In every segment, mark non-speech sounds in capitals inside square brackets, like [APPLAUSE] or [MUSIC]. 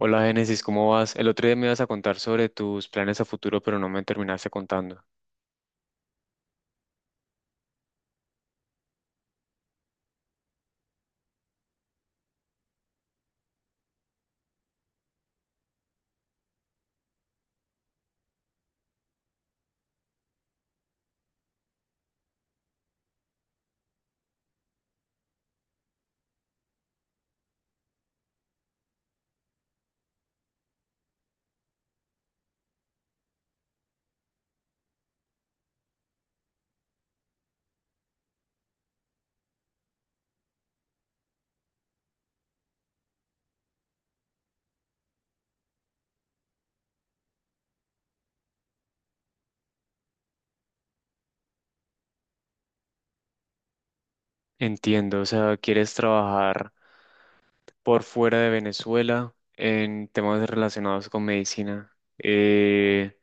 Hola Génesis, ¿cómo vas? El otro día me ibas a contar sobre tus planes a futuro, pero no me terminaste contando. Entiendo, o sea, quieres trabajar por fuera de Venezuela en temas relacionados con medicina.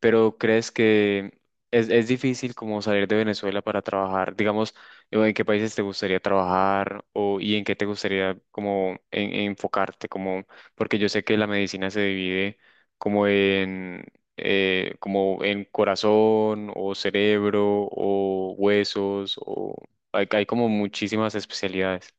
Pero ¿crees que es difícil como salir de Venezuela para trabajar? Digamos, o ¿en qué países te gustaría trabajar o y en qué te gustaría como enfocarte? Como, porque yo sé que la medicina se divide como en como en corazón o cerebro o huesos o hay como muchísimas especialidades.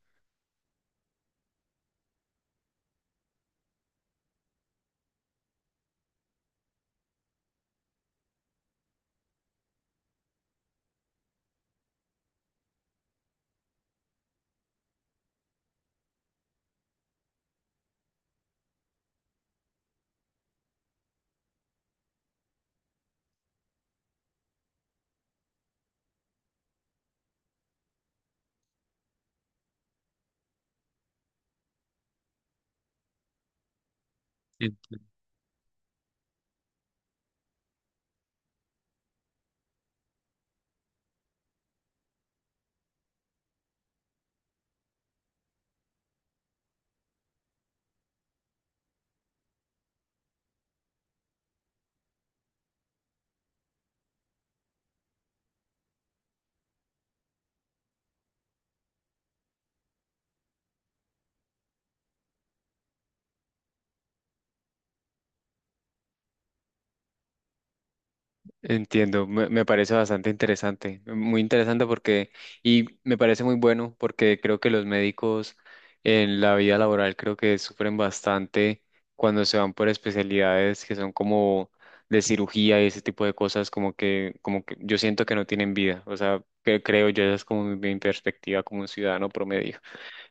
Entiendo, me parece bastante interesante, muy interesante porque, y me parece muy bueno porque creo que los médicos en la vida laboral creo que sufren bastante cuando se van por especialidades que son como de cirugía y ese tipo de cosas, como que yo siento que no tienen vida, o sea, que creo yo, esa es como mi perspectiva como un ciudadano promedio,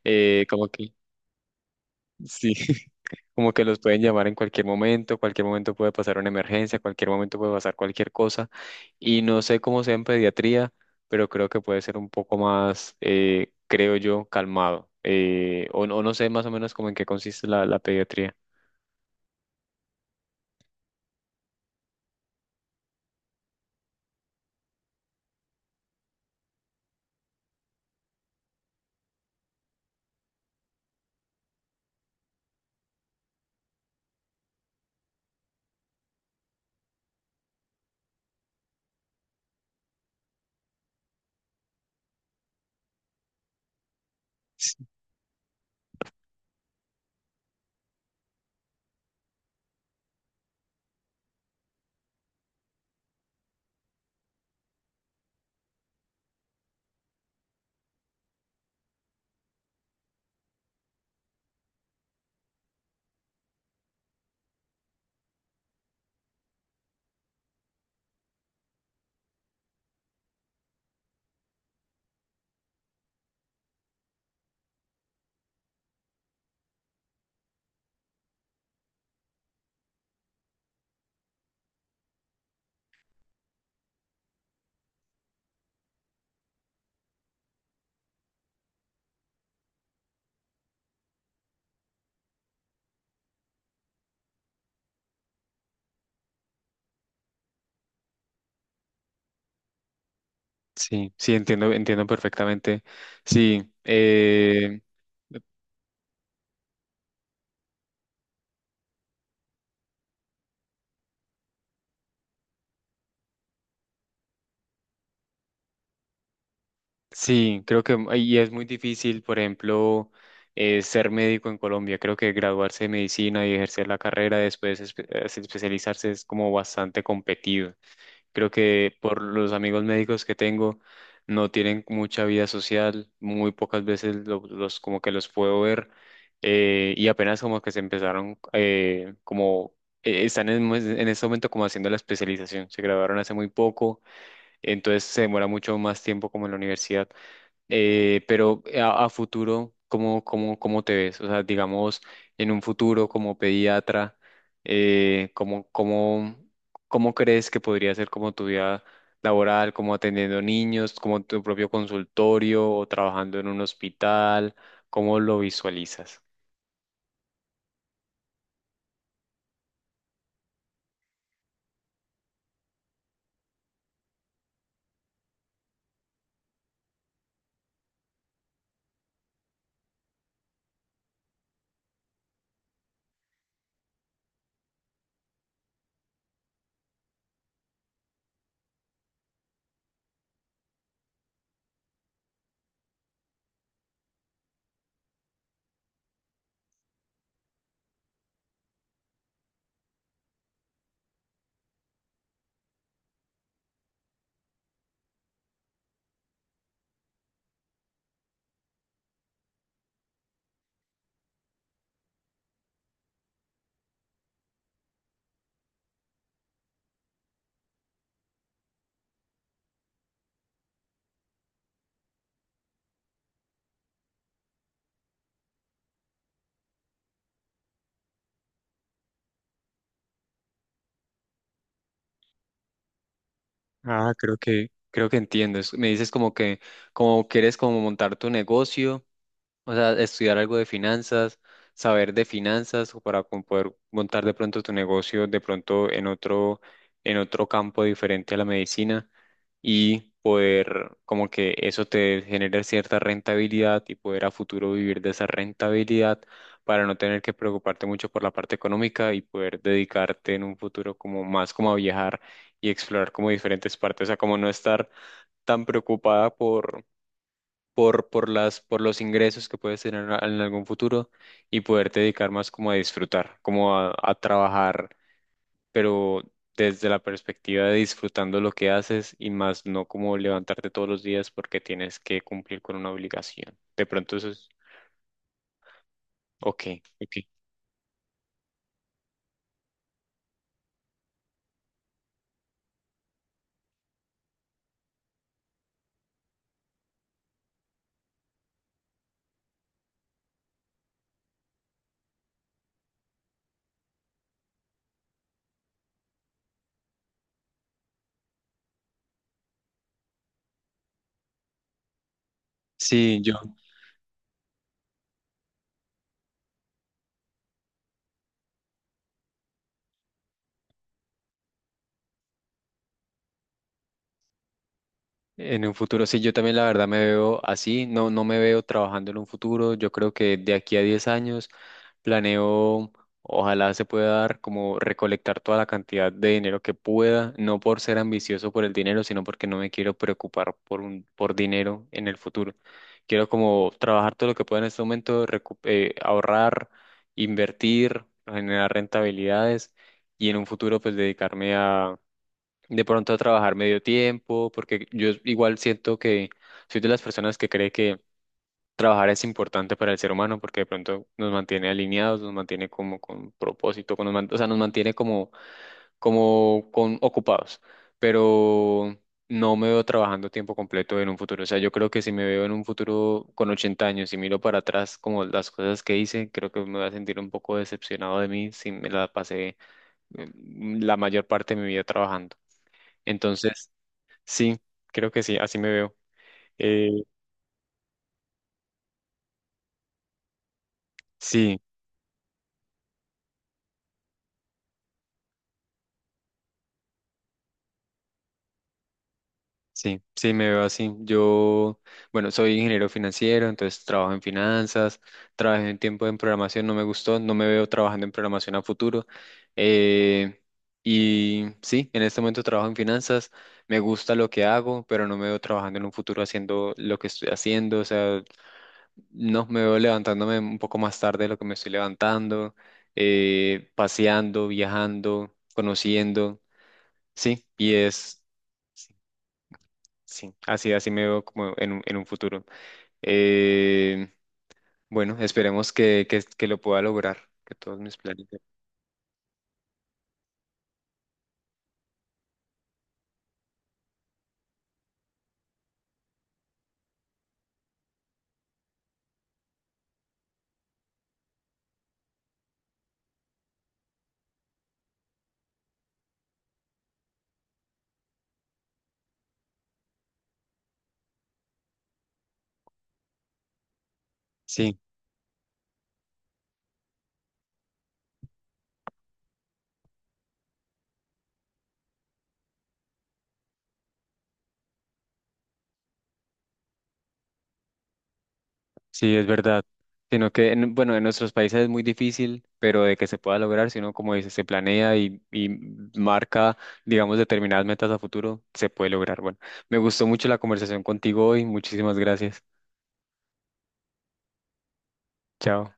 como que, sí. [LAUGHS] Como que los pueden llamar en cualquier momento puede pasar una emergencia, cualquier momento puede pasar cualquier cosa. Y no sé cómo sea en pediatría, pero creo que puede ser un poco más, creo yo, calmado. O, no o no sé más o menos como en qué consiste la, la pediatría. S- Sí, sí, entiendo, entiendo perfectamente. Sí, sí, creo que y es muy difícil, por ejemplo, ser médico en Colombia. Creo que graduarse de medicina y ejercer la carrera después especializarse es como bastante competido. Creo que por los amigos médicos que tengo no tienen mucha vida social, muy pocas veces los como que los puedo ver y apenas como que se empezaron como están en, pues, en este momento como haciendo la especialización. Se graduaron hace muy poco, entonces se demora mucho más tiempo como en la universidad. Pero a futuro, ¿cómo, cómo, cómo te ves? O sea, digamos, en un futuro como pediatra, ¿cómo, cómo, cómo crees que podría ser como tu vida laboral, como atendiendo niños, como tu propio consultorio o trabajando en un hospital? ¿Cómo lo visualizas? Ah, creo que entiendo. Me dices como que, como quieres como montar tu negocio. O sea, estudiar algo de finanzas, saber de finanzas o para poder montar de pronto tu negocio de pronto en otro campo diferente a la medicina y poder como que eso te genere cierta rentabilidad y poder a futuro vivir de esa rentabilidad para no tener que preocuparte mucho por la parte económica y poder dedicarte en un futuro como más como a viajar y explorar como diferentes partes, o sea, como no estar tan preocupada por las, por los ingresos que puedes tener en algún futuro y poderte dedicar más como a disfrutar, como a trabajar, pero desde la perspectiva de disfrutando lo que haces y más no como levantarte todos los días porque tienes que cumplir con una obligación. De pronto eso es, ok, ok. Sí, yo. En un futuro, sí, yo también la verdad me veo así, no, no me veo trabajando en un futuro, yo creo que de aquí a 10 años planeo, ojalá se pueda dar como recolectar toda la cantidad de dinero que pueda, no por ser ambicioso por el dinero, sino porque no me quiero preocupar por un, por dinero en el futuro. Quiero como trabajar todo lo que pueda en este momento, ahorrar, invertir, generar rentabilidades y en un futuro pues dedicarme de pronto trabajar medio tiempo, porque yo igual siento que soy de las personas que cree que trabajar es importante para el ser humano, porque de pronto nos mantiene alineados, nos mantiene como con propósito, o sea, nos mantiene como, como con ocupados, pero no me veo trabajando tiempo completo en un futuro, o sea, yo creo que si me veo en un futuro con 80 años y miro para atrás como las cosas que hice, creo que me voy a sentir un poco decepcionado de mí si me la pasé la mayor parte de mi vida trabajando. Entonces, sí, creo que sí, así me veo. Eh, sí, sí, sí, me veo así. Yo, bueno, soy ingeniero financiero, entonces trabajo en finanzas, trabajé un tiempo en programación, no me gustó, no me veo trabajando en programación a futuro. Eh, y sí, en este momento trabajo en finanzas, me gusta lo que hago, pero no me veo trabajando en un futuro haciendo lo que estoy haciendo, o sea, no, me veo levantándome un poco más tarde de lo que me estoy levantando, paseando, viajando, conociendo, sí, y es... Sí, así, así me veo como en un futuro. Eh, bueno, esperemos que lo pueda lograr, que todos mis planes. Sí, sí, es verdad. Sino que, bueno, en nuestros países es muy difícil, pero de que se pueda lograr, si uno, como dice, se planea y marca, digamos, determinadas metas a futuro, se puede lograr. Bueno, me gustó mucho la conversación contigo hoy. Muchísimas gracias. Chao.